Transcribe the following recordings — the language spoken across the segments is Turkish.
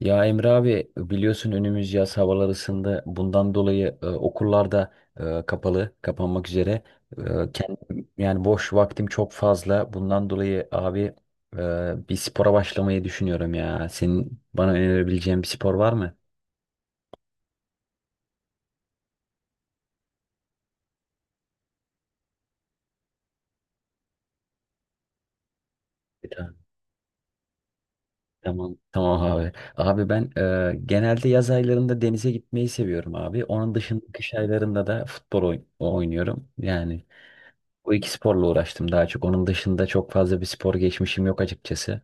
Ya Emre abi biliyorsun önümüz yaz havalar ısındı. Bundan dolayı okullarda kapalı, kapanmak üzere. Kendim, yani boş vaktim çok fazla. Bundan dolayı abi bir spora başlamayı düşünüyorum ya. Senin bana önerebileceğin bir spor var mı? Bir tane. Tamam, tamam abi. Abi ben genelde yaz aylarında denize gitmeyi seviyorum abi. Onun dışında kış aylarında da futbol oynuyorum. Yani bu iki sporla uğraştım daha çok. Onun dışında çok fazla bir spor geçmişim yok açıkçası.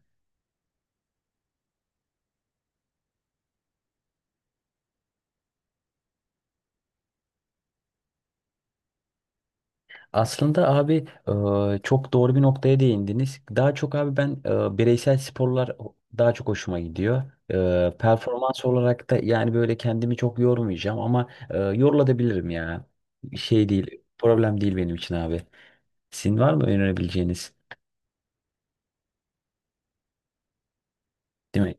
Aslında abi çok doğru bir noktaya değindiniz. Daha çok abi ben bireysel sporlar daha çok hoşuma gidiyor. Performans olarak da yani böyle kendimi çok yormayacağım ama yorulabilirim ya. Şey değil, problem değil benim için abi. Sizin var mı önerebileceğiniz? Değil mi?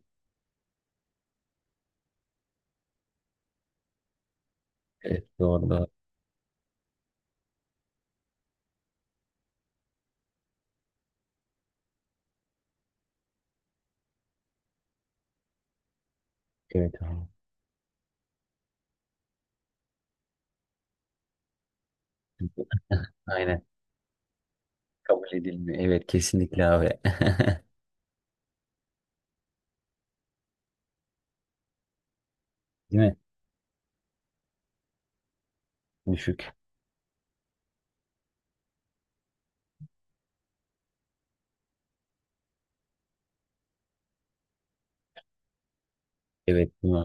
Evet, doğru doğru. Evet abi. Aynen. Kabul edilmiyor. Evet kesinlikle abi. Değil mi? Düşük. Evet, değil mi?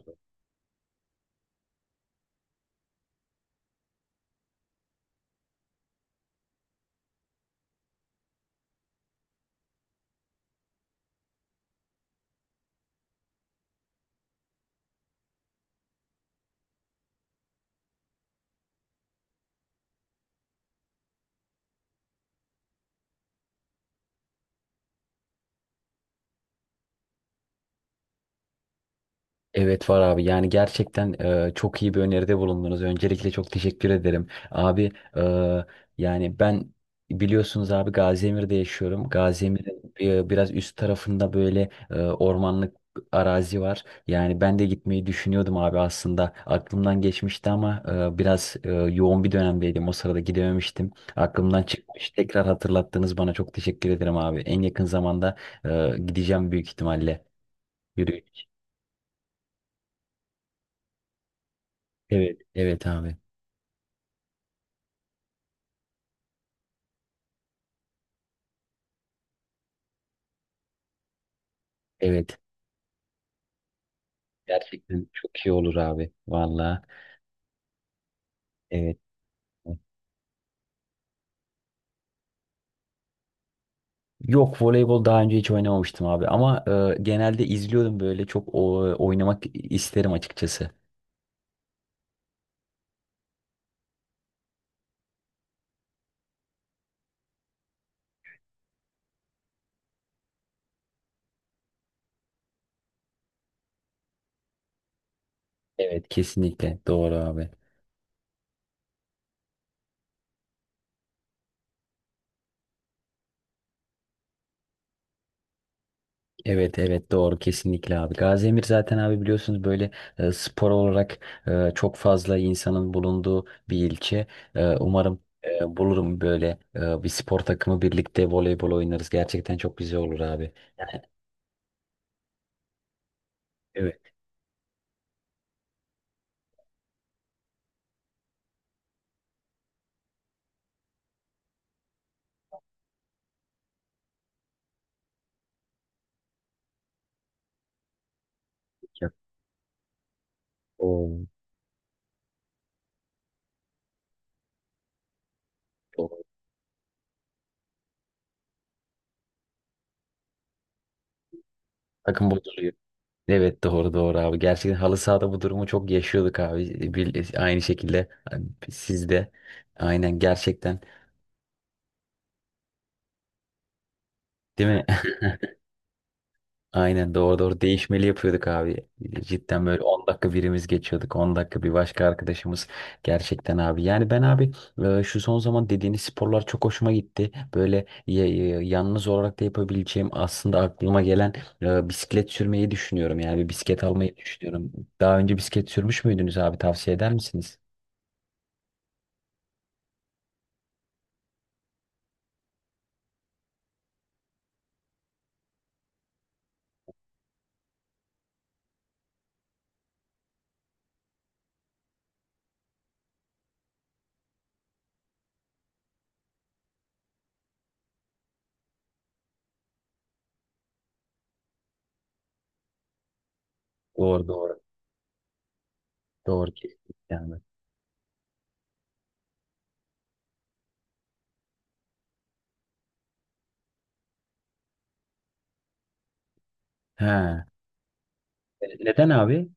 Evet var abi. Yani gerçekten çok iyi bir öneride bulundunuz. Öncelikle çok teşekkür ederim. Abi e, yani ben biliyorsunuz abi Gaziemir'de yaşıyorum. Gaziemir'in biraz üst tarafında böyle ormanlık arazi var. Yani ben de gitmeyi düşünüyordum abi aslında. Aklımdan geçmişti ama biraz yoğun bir dönemdeydim. O sırada gidememiştim. Aklımdan çıkmış. Tekrar hatırlattınız bana. Çok teşekkür ederim abi. En yakın zamanda gideceğim büyük ihtimalle. Evet, evet abi. Evet. Gerçekten çok iyi olur abi. Valla. Evet. Yok, voleybol daha önce hiç oynamamıştım abi ama genelde izliyordum böyle çok oynamak isterim açıkçası. Evet kesinlikle doğru abi. Evet evet doğru kesinlikle abi. Gaziemir zaten abi biliyorsunuz böyle spor olarak çok fazla insanın bulunduğu bir ilçe. Umarım bulurum böyle bir spor takımı birlikte voleybol oynarız. Gerçekten çok güzel olur abi. Yani, evet. Oo, doğru. Takım bozuluyor. Evet doğru doğru abi. Gerçekten halı sahada bu durumu çok yaşıyorduk abi. Bir, aynı şekilde sizde. Aynen gerçekten. Değil mi? Aynen doğru doğru değişmeli yapıyorduk abi. Cidden böyle 10 dakika birimiz geçiyorduk, 10 dakika bir başka arkadaşımız. Gerçekten abi. Yani ben abi şu son zaman dediğiniz sporlar çok hoşuma gitti. Böyle yalnız olarak da yapabileceğim aslında aklıma gelen bisiklet sürmeyi düşünüyorum. Yani bir bisiklet almayı düşünüyorum. Daha önce bisiklet sürmüş müydünüz abi? Tavsiye eder misiniz? Doğru doğru. Doğru kesinlikle abi. Ha. Neden abi?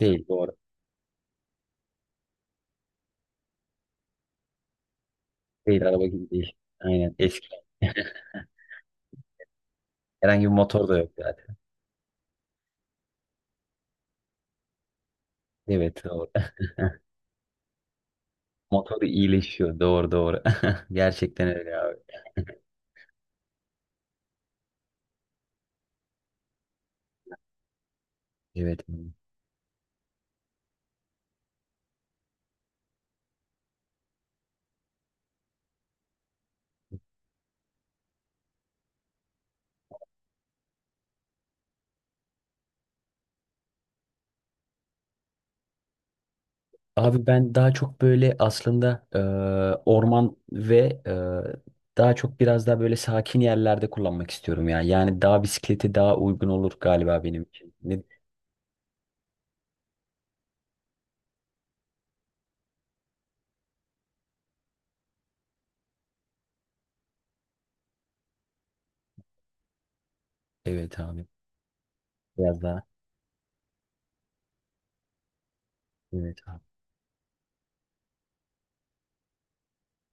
Değil, doğru. Değil, araba gibi değil. Aynen, eski. Herhangi bir motor da yok zaten. Evet doğru. Motoru iyileşiyor. Doğru doğru. Gerçekten öyle abi. Evet. Abi ben daha çok böyle aslında orman ve daha çok biraz daha böyle sakin yerlerde kullanmak istiyorum ya. Yani dağ bisikleti daha uygun olur galiba benim için. Ne- Evet abi. Biraz daha. Evet abi.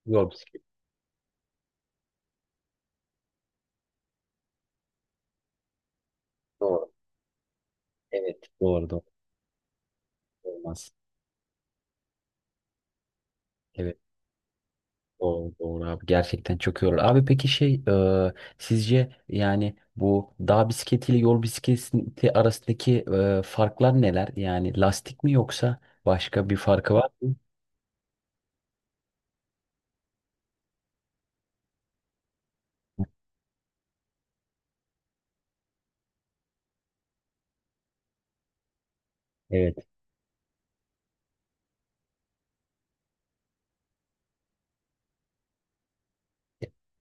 Yol bisikleti. Doğru. Evet. Doğru doğru. Olmaz. Evet. Doğru, doğru abi, gerçekten çok yorulur. Abi peki şey sizce yani bu dağ bisikleti ile yol bisikleti arasındaki farklar neler? Yani lastik mi yoksa başka bir farkı var mı? Evet.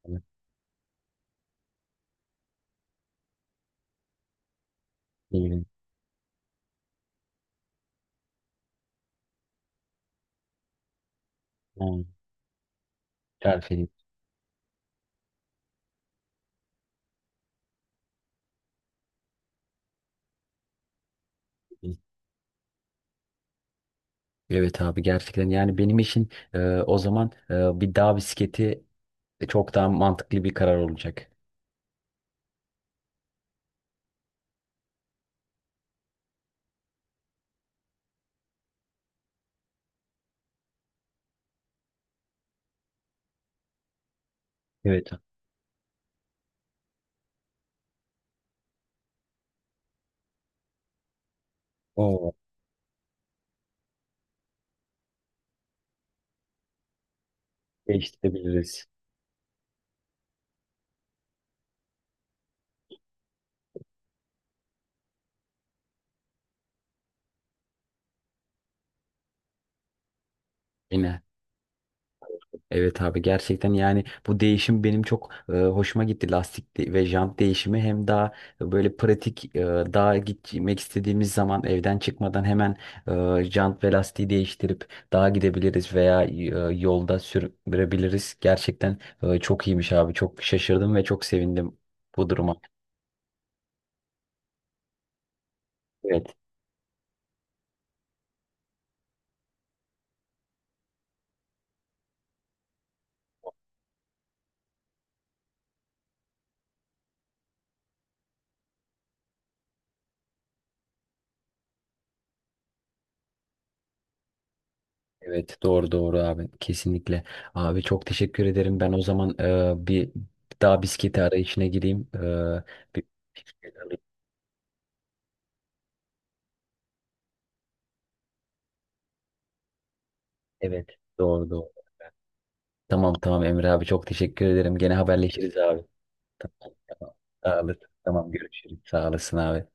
Evet, bilmiyorum. Ha, tarif edeyim. Evet abi gerçekten yani benim için o zaman bir dağ bisikleti çok daha mantıklı bir karar olacak. Evet. O değiştirebiliriz. Yine. Evet abi gerçekten yani bu değişim benim çok hoşuma gitti, lastik ve jant değişimi hem daha böyle pratik, daha gitmek istediğimiz zaman evden çıkmadan hemen jant ve lastiği değiştirip dağa gidebiliriz veya yolda sürebiliriz. Gerçekten çok iyiymiş abi, çok şaşırdım ve çok sevindim bu duruma. Evet. Evet doğru doğru abi kesinlikle. Abi çok teşekkür ederim. Ben o zaman bir daha bisiklete arayışına gireyim. E, bir. Evet. Doğru doğru. Tamam tamam Emre abi, çok teşekkür ederim. Gene haberleşiriz abi. Tamam tamam. Sağ olasın. Tamam görüşürüz. Sağ olasın abi.